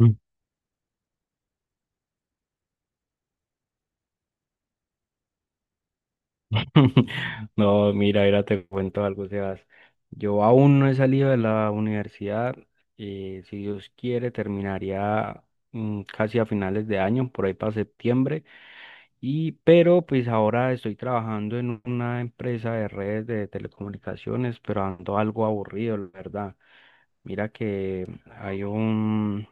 Mm. No, mira, mira, te cuento algo, Sebas. Yo aún no he salido de la universidad. Si Dios quiere, terminaría casi a finales de año, por ahí para septiembre. Pero pues ahora estoy trabajando en una empresa de redes de telecomunicaciones, pero ando algo aburrido, la verdad. Mira que hay un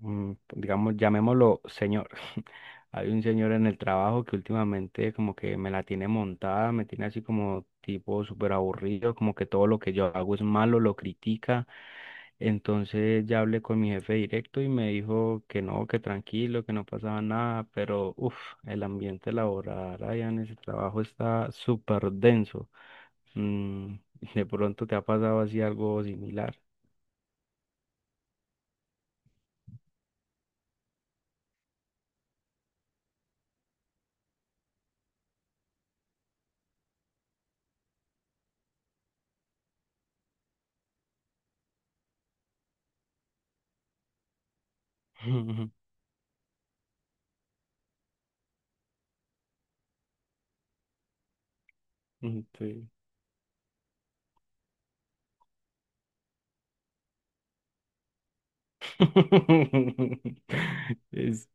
digamos, llamémoslo señor. Hay un señor en el trabajo que últimamente como que me la tiene montada, me tiene así como tipo súper aburrido, como que todo lo que yo hago es malo, lo critica. Entonces ya hablé con mi jefe directo y me dijo que no, que tranquilo, que no pasaba nada, pero uff, el ambiente laboral allá en ese trabajo está súper denso. Mm. De pronto te ha pasado así algo similar. Sí. Es-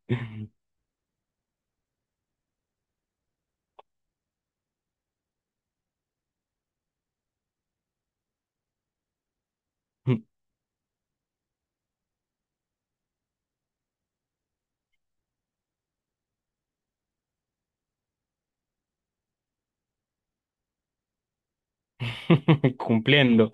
Cumpliendo.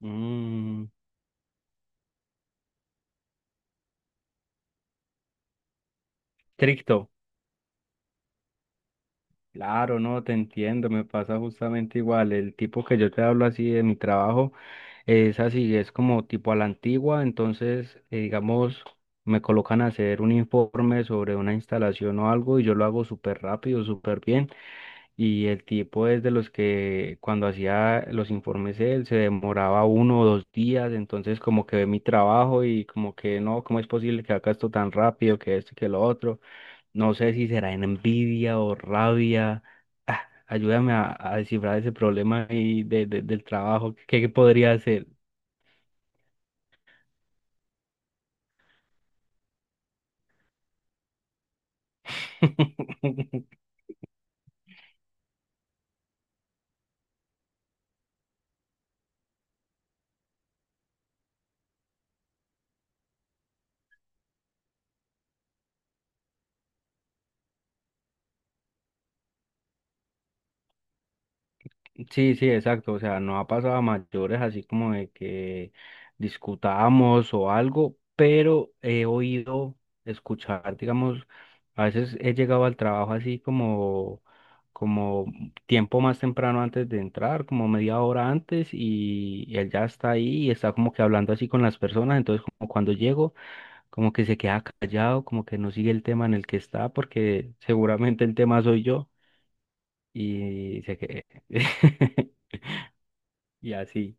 Mm, estricto. Claro, no, te entiendo, me pasa justamente igual. El tipo que yo te hablo así de mi trabajo es así, es como tipo a la antigua, entonces, digamos, me colocan a hacer un informe sobre una instalación o algo y yo lo hago súper rápido, súper bien. Y el tipo es de los que cuando hacía los informes él se demoraba uno o dos días, entonces como que ve mi trabajo y como que no, ¿cómo es posible que haga esto tan rápido, que esto y que lo otro? No sé si será en envidia o rabia. Ah, ayúdame a descifrar ese problema ahí del trabajo, ¿ qué podría hacer? Sí, sí, exacto. O sea, no ha pasado a mayores así como de que discutamos o algo, pero he oído escuchar, digamos, a veces he llegado al trabajo así como, como tiempo más temprano antes de entrar, como media hora antes, y él ya está ahí y está como que hablando así con las personas. Entonces, como cuando llego, como que se queda callado, como que no sigue el tema en el que está, porque seguramente el tema soy yo. Y se que Y así,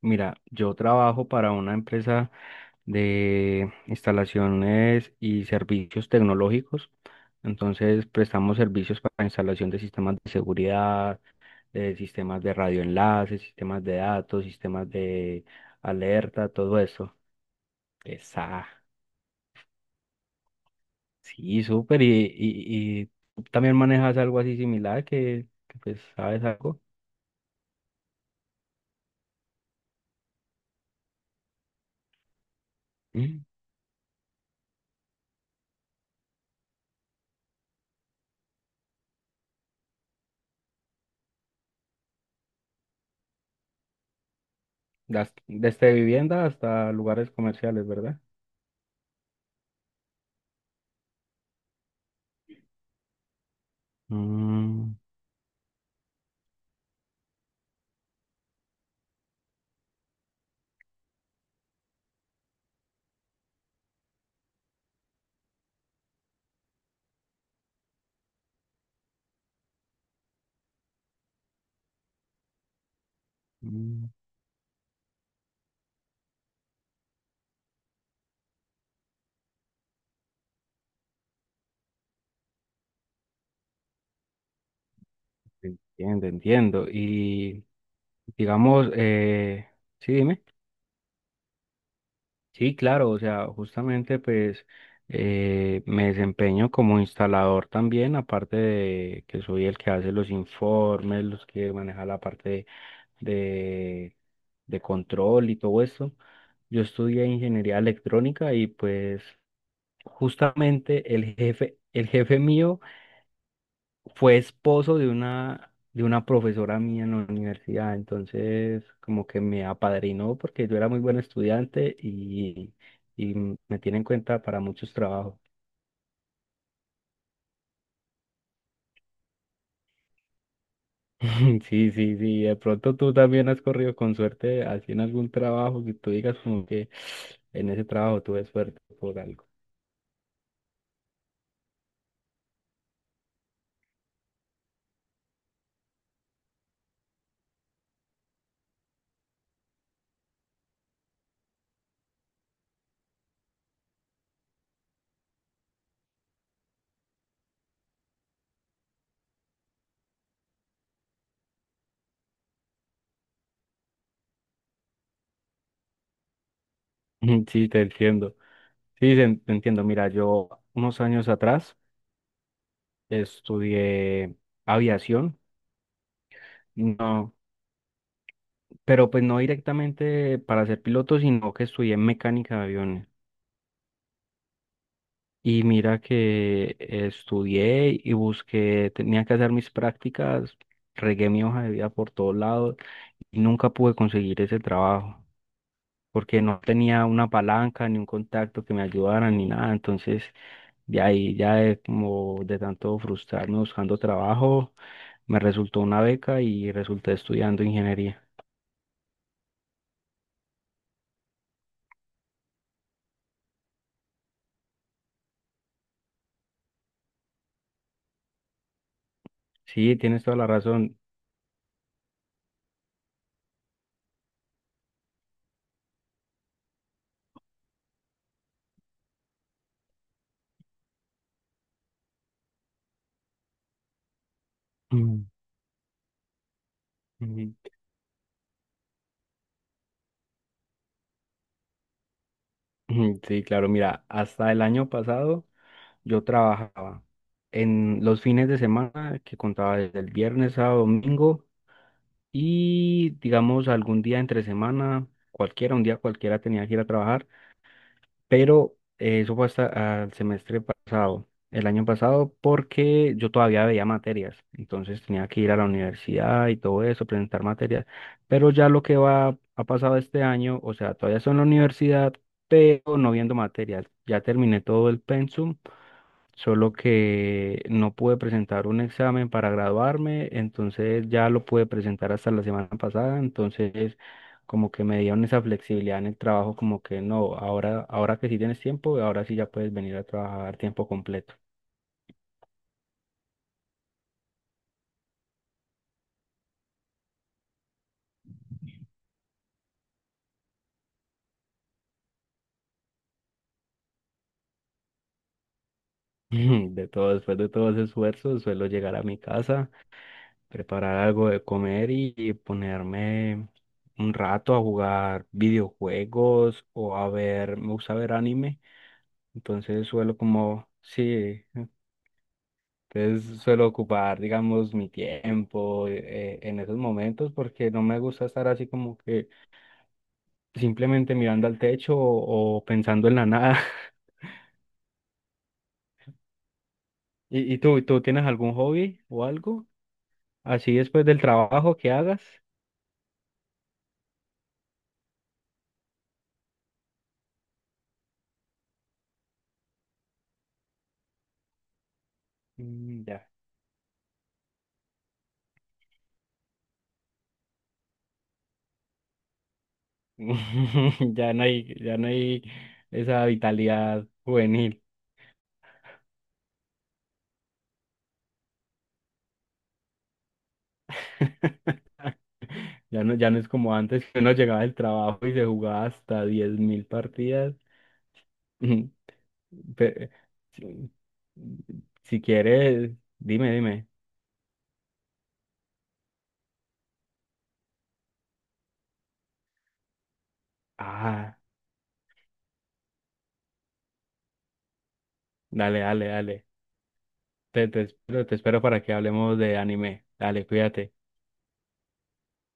mira, yo trabajo para una empresa de instalaciones y servicios tecnológicos. Entonces, prestamos servicios para instalación de sistemas de seguridad, de sistemas de radioenlaces, sistemas de datos, sistemas de alerta, todo eso. Esa, sí, súper. Y tú también manejas algo así similar que pues, sabes algo. Mm. Desde vivienda hasta lugares comerciales, ¿verdad? Mm. Mm. Entiendo, entiendo. Y digamos, sí, dime. Sí, claro, o sea, justamente pues me desempeño como instalador también, aparte de que soy el que hace los informes, los que maneja la parte de, de control y todo eso. Yo estudié ingeniería electrónica y pues justamente el jefe mío fue esposo de una profesora mía en la universidad, entonces como que me apadrinó porque yo era muy buen estudiante y me tiene en cuenta para muchos trabajos. Sí, sí, sí, de pronto tú también has corrido con suerte así en algún trabajo que tú digas como que en ese trabajo tuve suerte por algo. Sí, te entiendo. Sí, te entiendo. Mira, yo unos años atrás estudié aviación. No. Pero pues no directamente para ser piloto, sino que estudié mecánica de aviones. Y mira que estudié y busqué, tenía que hacer mis prácticas, regué mi hoja de vida por todos lados y nunca pude conseguir ese trabajo porque no tenía una palanca ni un contacto que me ayudara ni nada. Entonces, de ahí ya de, como de tanto frustrarme buscando trabajo, me resultó una beca y resulté estudiando ingeniería. Sí, tienes toda la razón. Mm. Ujú. Ujú. Sí, claro, mira, hasta el año pasado yo trabajaba en los fines de semana que contaba desde el viernes a domingo y digamos algún día entre semana, cualquiera, un día cualquiera tenía que ir a trabajar, pero eso fue hasta al semestre pasado, el año pasado, porque yo todavía veía materias, entonces tenía que ir a la universidad y todo eso, presentar materias, pero ya lo que va, ha pasado este año, o sea, todavía estoy en la universidad, pero no viendo materias, ya terminé todo el pensum, solo que no pude presentar un examen para graduarme, entonces ya lo pude presentar hasta la semana pasada, entonces como que me dieron esa flexibilidad en el trabajo, como que no, ahora, ahora que sí tienes tiempo, ahora sí ya puedes venir a trabajar tiempo completo. De todo, después de todo ese esfuerzo, suelo llegar a mi casa, preparar algo de comer y ponerme un rato a jugar videojuegos o a ver, me gusta ver anime, entonces suelo como, sí, entonces suelo ocupar, digamos, mi tiempo en esos momentos porque no me gusta estar así como que simplemente mirando al techo o pensando en la nada. ¿Y, tú tienes algún hobby o algo así después del trabajo que hagas? Mm. Ya. Ya no hay esa vitalidad juvenil. Ya no, ya no es como antes, que uno llegaba del trabajo y se jugaba hasta 10.000 partidas. Ujú. Pe- si, si quieres, dime, dime. Ah, dale, dale, dale. Te, te espero para que hablemos de anime. Dale, cuídate.